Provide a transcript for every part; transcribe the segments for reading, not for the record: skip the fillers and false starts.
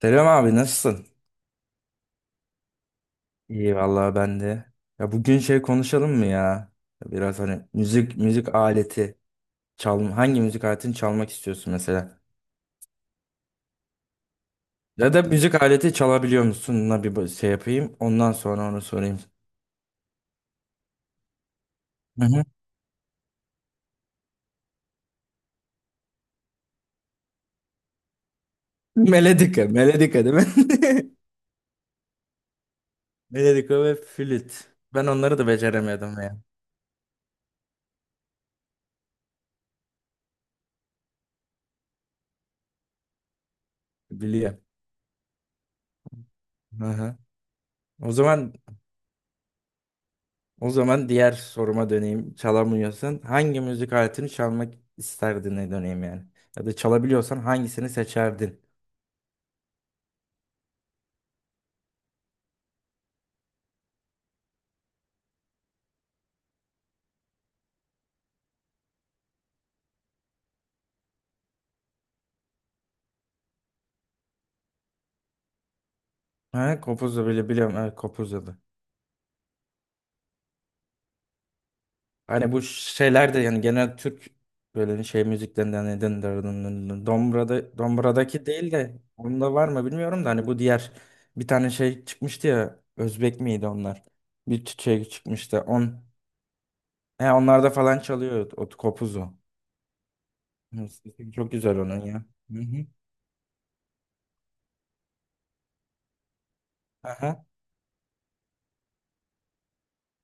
Selam abi nasılsın? İyi vallahi ben de. Ya bugün şey konuşalım mı ya? Ya biraz hani müzik aleti hangi müzik aletini çalmak istiyorsun mesela? Ya da müzik aleti çalabiliyor musunla şey yapayım. Ondan sonra onu sorayım. Hı hı. Melodika, melodika değil mi? Melodika ve flüt. Ben onları da beceremedim ya. Biliyorum. Hı hı. O zaman O zaman diğer soruma döneyim. Çalamıyorsan hangi müzik aletini çalmak isterdin döneyim yani. Ya da çalabiliyorsan hangisini seçerdin? Ha, kopuzla bile biliyorum. Evet, kopuzla da. Hani bu şeyler de yani genel Türk böyle şey müziklerinden neden Dombra'da Dombra'daki değil de onda var mı bilmiyorum da hani bu diğer bir tane şey çıkmıştı ya Özbek miydi onlar? Bir şey çıkmıştı. He, onlarda falan çalıyor o kopuzu. Hı, sesi çok güzel onun ya. Hı hı. Aha.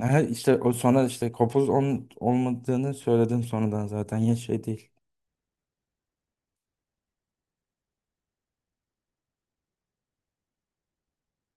Ha, işte o sonra işte kopuz olmadığını söyledim sonradan zaten ya şey değil.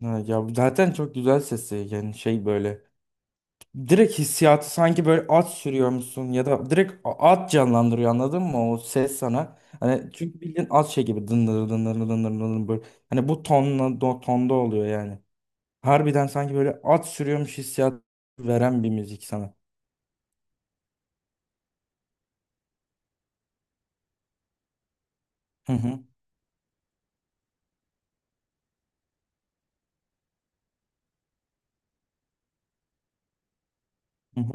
Ha, ya zaten çok güzel sesi yani şey böyle direkt hissiyatı sanki böyle at sürüyormuşsun ya da direkt at canlandırıyor anladın mı o ses sana. Hani çünkü bildiğin at şey gibi dındır dındır dındır dındır böyle hani bu tonla tonda oluyor yani. Harbiden sanki böyle at sürüyormuş hissiyat veren bir müzik sana. Hı hı hı hı.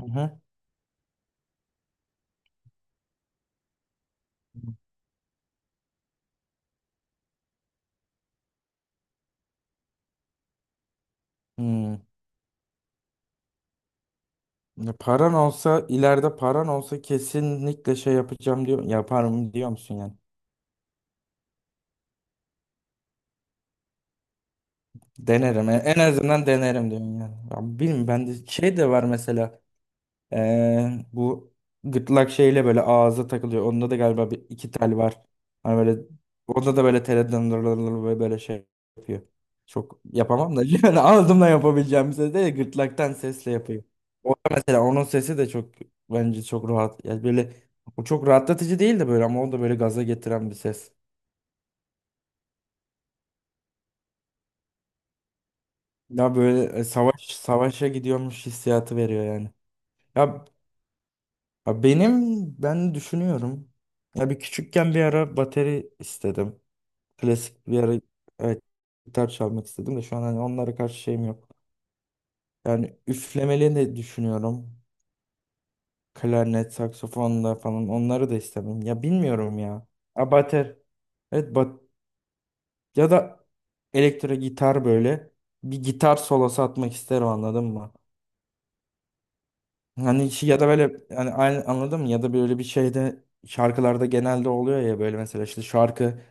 Hı hı. Hmm. Ya paran olsa ileride paran olsa kesinlikle şey yapacağım diyor yaparım diyor musun yani? Denerim en azından denerim diyorsun yani. Ya bilmiyorum bende şey de var mesela. Bu gırtlak şeyle böyle ağza takılıyor. Onda da galiba bir iki tel var. Hani böyle onda da böyle teleden böyle şey yapıyor. Çok yapamam da yani ağzımla yapabileceğim bir ses değil de gırtlaktan sesle yapıyor. O da mesela onun sesi de çok bence çok rahat. Yani böyle o çok rahatlatıcı değil de böyle ama o da böyle gaza getiren bir ses. Ya böyle savaşa gidiyormuş hissiyatı veriyor yani. Ya ha ben düşünüyorum. Ya bir küçükken bir ara bateri istedim. Klasik bir ara, evet, gitar çalmak istedim de şu an hani onlara karşı şeyim yok. Yani üflemeli de düşünüyorum. Klarnet, saksafon da falan onları da istemem. Ya bilmiyorum ya. Ha bater. Evet bat ya da elektro gitar böyle bir gitar solosu atmak isterim anladın mı? Hani ya da böyle hani aynı anladın mı? Ya da böyle bir şeyde şarkılarda genelde oluyor ya böyle mesela işte şarkı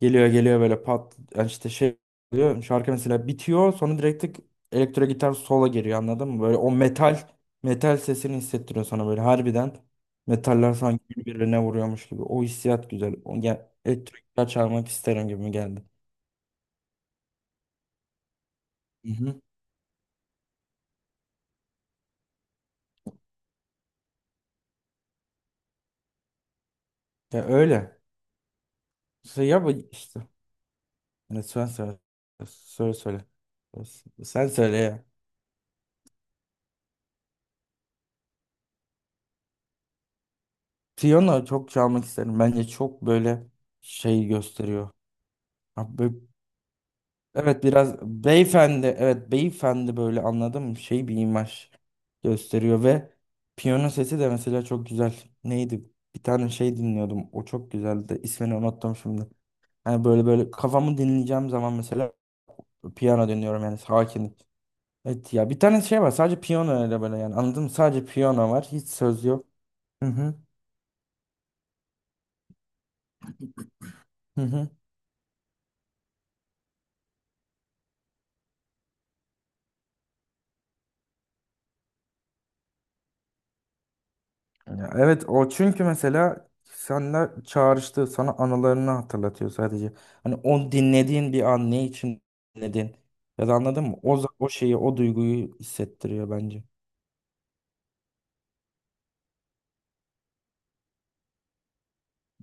geliyor geliyor böyle pat yani işte şey oluyor. Şarkı mesela bitiyor sonra direkt tık elektro gitar sola giriyor anladın mı? Böyle o metal sesini hissettiriyor sana böyle harbiden metaller sanki birbirine vuruyormuş gibi. O hissiyat güzel. O gel elektro gitar çalmak isterim gibi geldi. Hı hı. Ya öyle. Şey ya bu işte. Yani sen söyle. Söyle söyle. Sen söyle ya. Piyano çok çalmak isterim. Bence çok böyle şey gösteriyor. Ha, evet biraz beyefendi, evet beyefendi böyle anladım şey bir imaj gösteriyor ve piyano sesi de mesela çok güzel. Neydi? Bir tane şey dinliyordum. O çok güzeldi. İsmini unuttum şimdi. Hani böyle kafamı dinleyeceğim zaman mesela piyano dinliyorum yani sakin. Evet ya bir tane şey var sadece piyano öyle böyle yani anladın mı? Sadece piyano var. Hiç söz yok. Hı hı. Hı hı. Ya evet o çünkü mesela senle çağrıştı sana anılarını hatırlatıyor sadece. Hani dinlediğin bir an ne için dinledin ya da anladın mı? O şeyi o duyguyu hissettiriyor bence.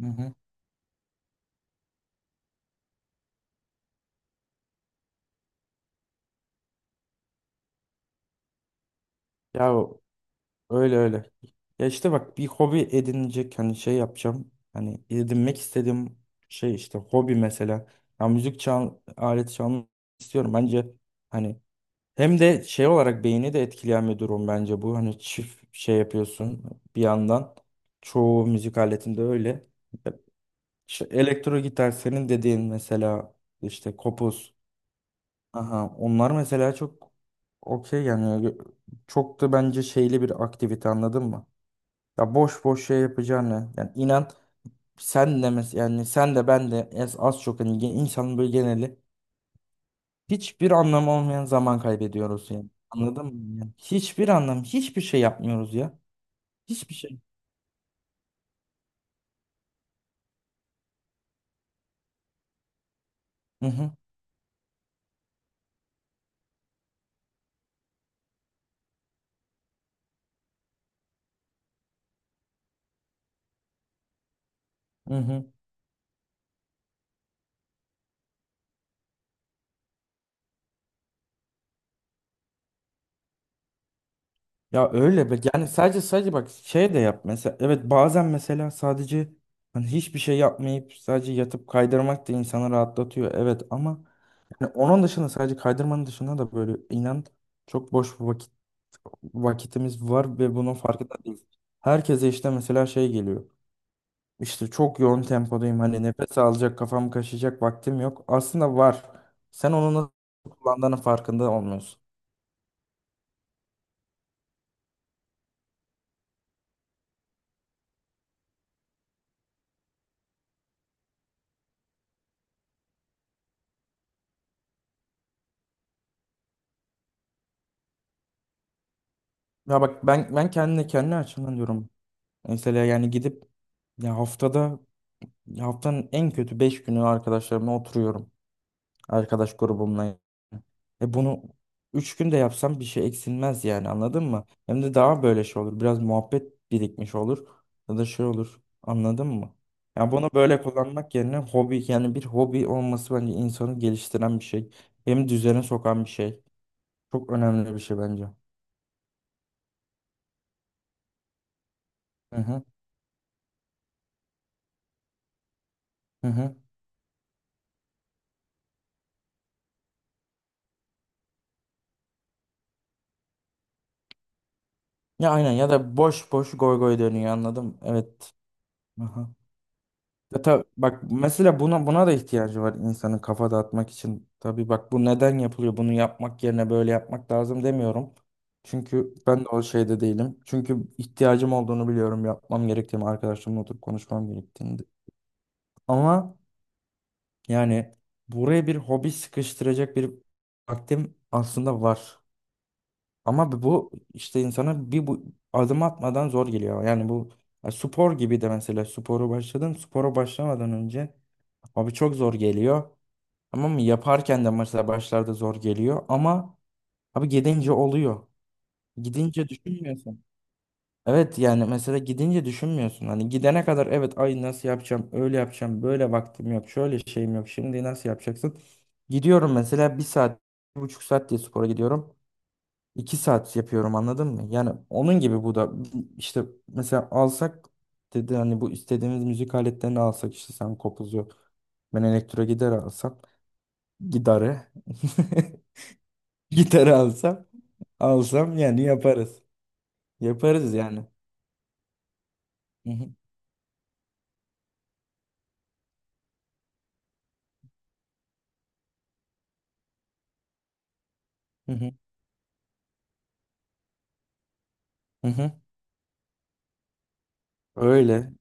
Hı hı. Ya öyle öyle. Ya işte bak bir hobi edinecek hani şey yapacağım. Hani edinmek istediğim şey işte hobi mesela. Ya müzik aleti çalmak istiyorum. Bence hani hem de şey olarak beyni de etkileyen bir durum bence bu. Hani çift şey yapıyorsun bir yandan. Çoğu müzik aletinde öyle. E, İşte elektro gitar senin dediğin mesela işte kopuz. Aha, onlar mesela çok okey yani çok da bence şeyli bir aktivite anladın mı? Ya boş boş şey yapacağını yani inan sen de ben de az çok hani insanın böyle geneli hiçbir anlamı olmayan zaman kaybediyoruz yani. Anladın mı? Yani hiçbir anlam, hiçbir şey yapmıyoruz ya. Hiçbir şey. Hı hı. Hı hı. Ya öyle be. Yani sadece bak şey de yap mesela. Evet bazen mesela sadece hani hiçbir şey yapmayıp sadece yatıp kaydırmak da insanı rahatlatıyor. Evet ama yani onun dışında sadece kaydırmanın dışında da böyle inan çok boş vakitimiz var ve bunun farkında değiliz. Herkese işte mesela şey geliyor. İşte çok yoğun tempodayım. Hani nefes alacak, kafam kaşıyacak vaktim yok. Aslında var. Sen onu nasıl kullandığının farkında olmuyorsun. Ya bak ben kendi açımdan diyorum. Mesela yani gidip ya haftada ya haftanın en kötü 5 günü arkadaşlarımla oturuyorum. Arkadaş grubumla. E bunu 3 günde yapsam bir şey eksilmez yani anladın mı? Hem de daha böyle şey olur. Biraz muhabbet birikmiş olur. Ya da şey olur. Anladın mı? Ya bunu böyle kullanmak yerine hobi yani bir hobi olması bence insanı geliştiren bir şey. Hem düzene sokan bir şey. Çok önemli bir şey bence. Hı hı. Hı hı. Ya aynen ya da boş boş goy goy dönüyor anladım. Evet. Aha. Ya bak mesela buna da ihtiyacı var insanın kafa dağıtmak için. Tabii bak bu neden yapılıyor? Bunu yapmak yerine böyle yapmak lazım demiyorum. Çünkü ben de o şeyde değilim. Çünkü ihtiyacım olduğunu biliyorum. Yapmam gerektiğini, arkadaşlarımla oturup konuşmam gerektiğini. Ama yani buraya bir hobi sıkıştıracak bir vaktim aslında var. Ama bu işte insana bu adım atmadan zor geliyor. Yani bu ya spor gibi de mesela sporu başladım. Spora başlamadan önce abi çok zor geliyor. Tamam mı? Yaparken de mesela başlarda zor geliyor ama abi gidince oluyor. Gidince düşünmüyorsun. Evet yani mesela gidince düşünmüyorsun. Hani gidene kadar evet ay nasıl yapacağım, öyle yapacağım, böyle vaktim yok, şöyle şeyim yok. Şimdi nasıl yapacaksın? Gidiyorum mesela bir saat, 1,5 saat diye spora gidiyorum. 2 saat yapıyorum anladın mı? Yani onun gibi bu da işte mesela alsak dedi hani bu istediğimiz müzik aletlerini alsak işte sen kopuzu ben elektro gider alsam gitarı. Gitarı alsam yani yaparız. Yaparız yani. Hı hı, hı hı, hı hı. Öyle,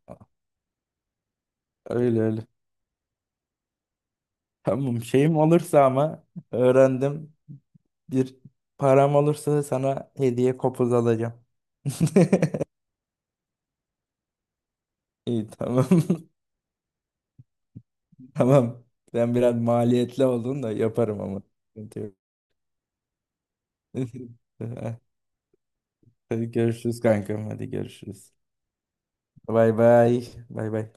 öyle öyle. Tamam şeyim olursa ama öğrendim. Bir param olursa sana hediye kopuz alacağım. İyi tamam. Tamam. Sen biraz maliyetli oldun da yaparım ama. Sıkıntı yok. Hadi görüşürüz kankam. Hadi görüşürüz. Bay bay. Bay bay.